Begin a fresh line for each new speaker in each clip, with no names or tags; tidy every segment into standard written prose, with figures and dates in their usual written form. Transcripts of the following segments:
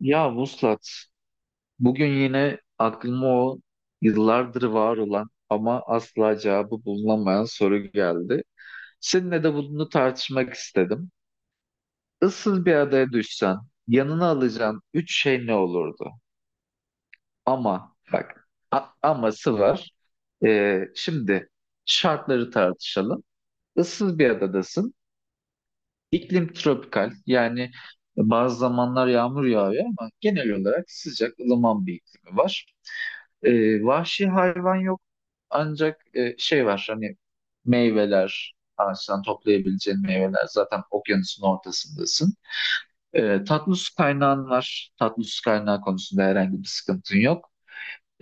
Ya Vuslat, bugün yine aklıma o yıllardır var olan ama asla cevabı bulunamayan soru geldi. Seninle de bunu tartışmak istedim. Issız bir adaya düşsen, yanına alacağın üç şey ne olurdu? Ama bak, aması var. Şimdi şartları tartışalım. Issız bir adadasın. İklim tropikal, yani bazı zamanlar yağmur yağıyor ama genel olarak sıcak, ılıman bir iklimi var. Vahşi hayvan yok, ancak şey var, hani meyveler, ağaçtan toplayabileceğin meyveler. Zaten okyanusun ortasındasın. Tatlı su kaynağın var, tatlı su kaynağı konusunda herhangi bir sıkıntın yok.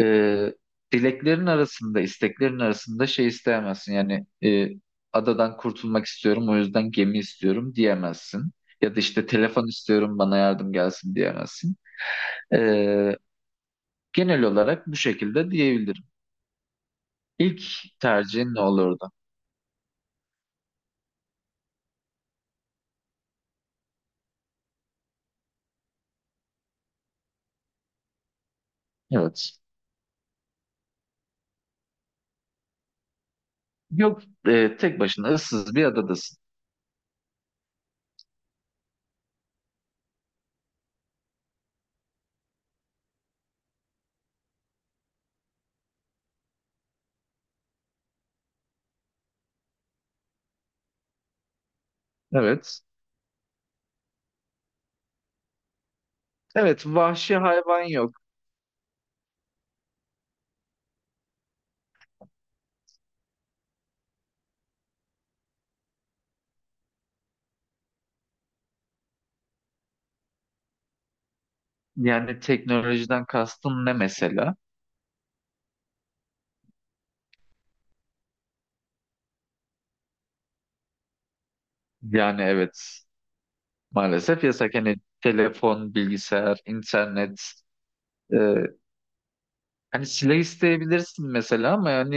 e, Dileklerin arasında, isteklerin arasında şey isteyemezsin. Yani adadan kurtulmak istiyorum, o yüzden gemi istiyorum diyemezsin. Ya da işte telefon istiyorum, bana yardım gelsin diyemezsin. E, Genel olarak bu şekilde diyebilirim. İlk tercihin ne olurdu? Evet. Yok, tek başına ıssız bir adadasın. Evet. Evet, vahşi hayvan yok. Yani teknolojiden kastın ne mesela? Yani evet. Maalesef yasak. Hani telefon, bilgisayar, internet. e, Hani silah isteyebilirsin mesela, ama yani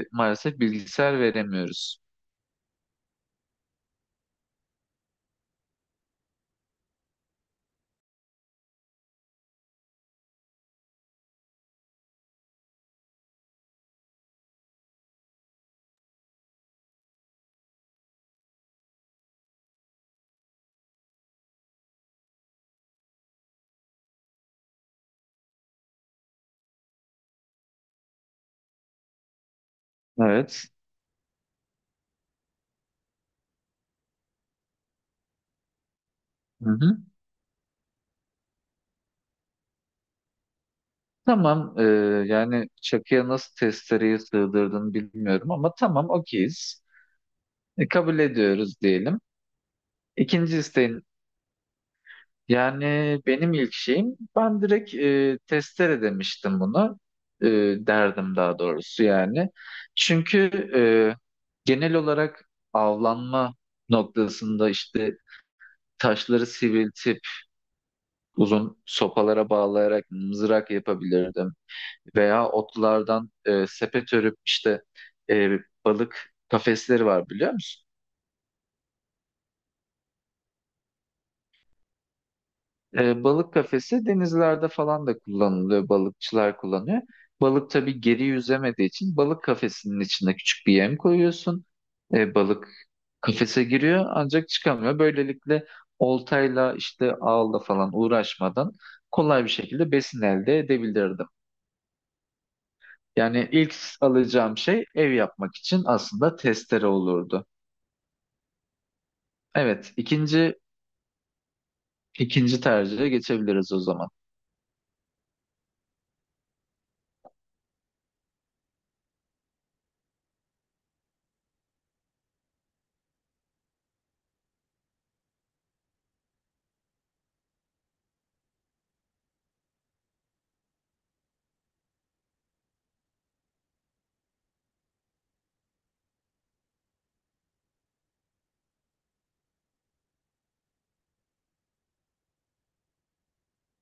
maalesef bilgisayar veremiyoruz. Evet. Hı hı. Tamam. Yani çakıya nasıl testereyi sığdırdın bilmiyorum, ama tamam, okeyiz. Kabul ediyoruz diyelim. İkinci isteğin Yani, benim ilk şeyim, ben direkt testere demiştim bunu. E, Derdim, daha doğrusu yani. Çünkü e, genel olarak avlanma noktasında, işte taşları sivriltip uzun sopalara bağlayarak mızrak yapabilirdim. Veya otlardan sepet örüp, işte e, balık kafesleri var, biliyor musun? Balık kafesi denizlerde falan da kullanılıyor. Balıkçılar kullanıyor. Balık tabii geri yüzemediği için balık kafesinin içine küçük bir yem koyuyorsun. Balık kafese giriyor ancak çıkamıyor. Böylelikle oltayla, işte ağla falan uğraşmadan kolay bir şekilde besin elde edebilirdim. Yani ilk alacağım şey, ev yapmak için, aslında testere olurdu. Evet, ikinci tercihe geçebiliriz o zaman.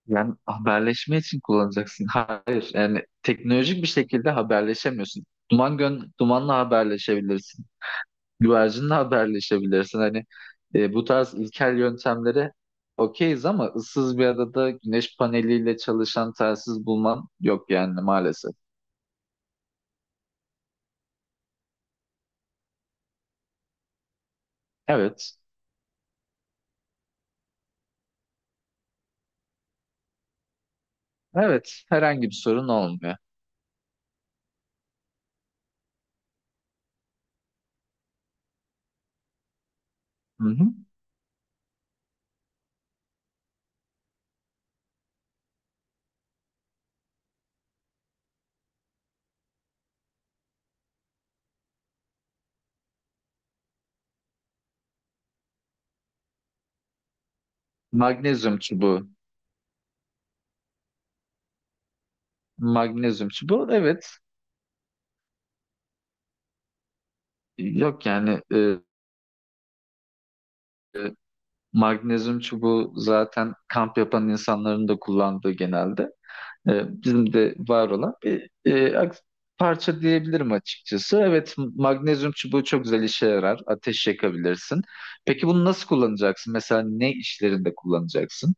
Yani haberleşme için kullanacaksın. Hayır, yani teknolojik bir şekilde haberleşemiyorsun. Dumanla haberleşebilirsin. Güvercinle haberleşebilirsin. Hani bu tarz ilkel yöntemlere okeyiz, ama ıssız bir adada güneş paneliyle çalışan telsiz bulman yok yani, maalesef. Evet. Evet, herhangi bir sorun olmuyor. Hı hı. Magnezyum çubuğu. Magnezyum çubuğu, evet. Yok, yani e, magnezyum çubuğu zaten kamp yapan insanların da kullandığı genelde. Bizim de var olan bir parça diyebilirim açıkçası. Evet, magnezyum çubuğu çok güzel işe yarar. Ateş yakabilirsin. Peki bunu nasıl kullanacaksın? Mesela ne işlerinde kullanacaksın?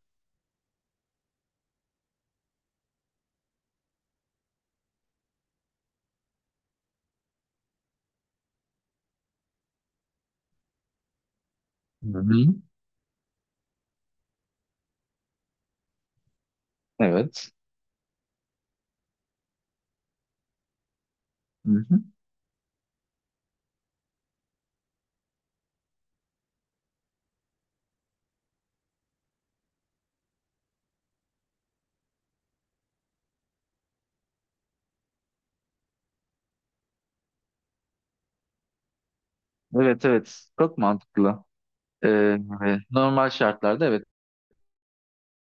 Hı-hı. Evet. Hı-hı. Evet, evet. Çok mantıklı. Ee, Normal şartlarda evet.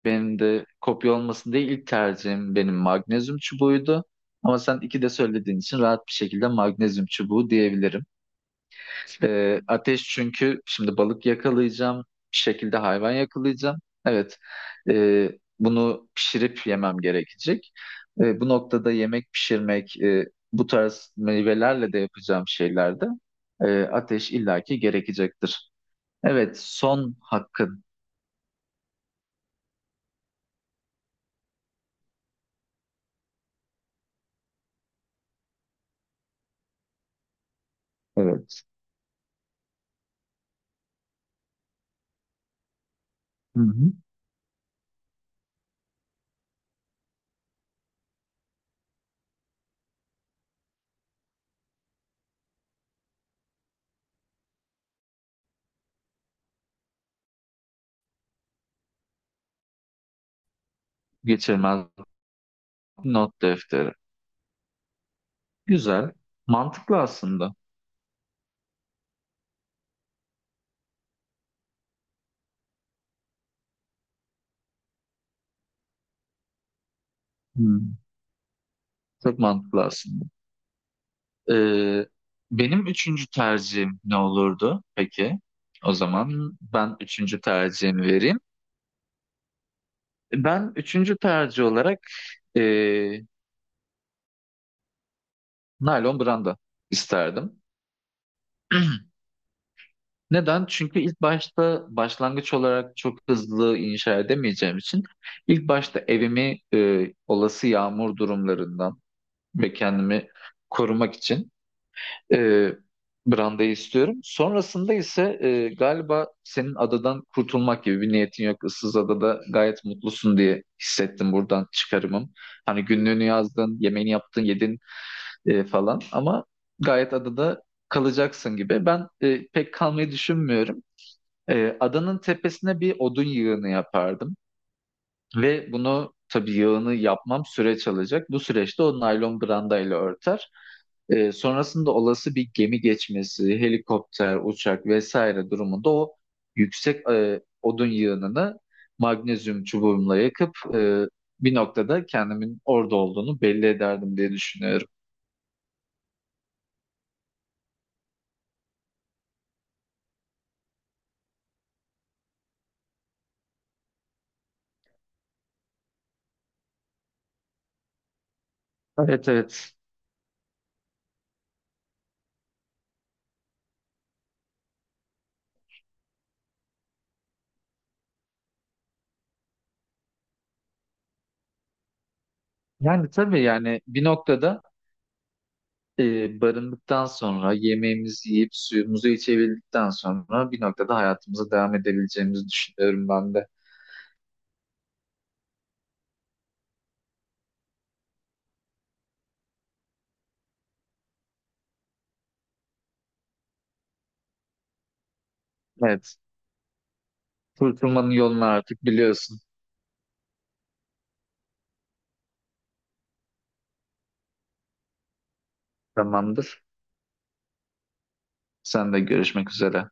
Benim de kopya olmasın diye ilk tercihim benim magnezyum çubuğuydu. Ama sen iki de söylediğin için, rahat bir şekilde magnezyum çubuğu diyebilirim. Ateş, çünkü şimdi balık yakalayacağım, bir şekilde hayvan yakalayacağım. Evet, e, bunu pişirip yemem gerekecek. Bu noktada yemek pişirmek, bu tarz meyvelerle de yapacağım şeylerde, ateş illaki gerekecektir. Evet, son hakkın. Evet. Hı hı. Geçirmez. Not defteri. Güzel. Mantıklı aslında. Hmm, Çok mantıklı aslında. Ee, Benim üçüncü tercihim ne olurdu peki? O zaman ben üçüncü tercihimi vereyim. Ben üçüncü tercih olarak ee, naylon branda isterdim. Neden? Çünkü ilk başta, başlangıç olarak çok hızlı inşa edemeyeceğim için, ilk başta evimi olası yağmur durumlarından ve kendimi korumak için e, brandayı istiyorum. Sonrasında ise galiba senin adadan kurtulmak gibi bir niyetin yok. Issız adada gayet mutlusun diye hissettim, buradan çıkarımım. Hani günlüğünü yazdın, yemeğini yaptın, yedin falan, ama gayet adada kalacaksın gibi. Ben pek kalmayı düşünmüyorum. Adanın tepesine bir odun yığını yapardım. Ve bunu tabii yağını yapmam süreç alacak. Bu süreçte o naylon brandayla örter. Sonrasında olası bir gemi geçmesi, helikopter, uçak vesaire durumunda, o yüksek odun yığınını magnezyum çubuğumla yakıp, bir noktada kendimin orada olduğunu belli ederdim diye düşünüyorum. Evet, evet. Yani tabii yani bir noktada barındıktan sonra, yemeğimizi yiyip suyumuzu içebildikten sonra, bir noktada hayatımıza devam edebileceğimizi düşünüyorum ben de. Evet. Kurtulmanın yolunu artık biliyorsun. Tamamdır. Sen de görüşmek üzere.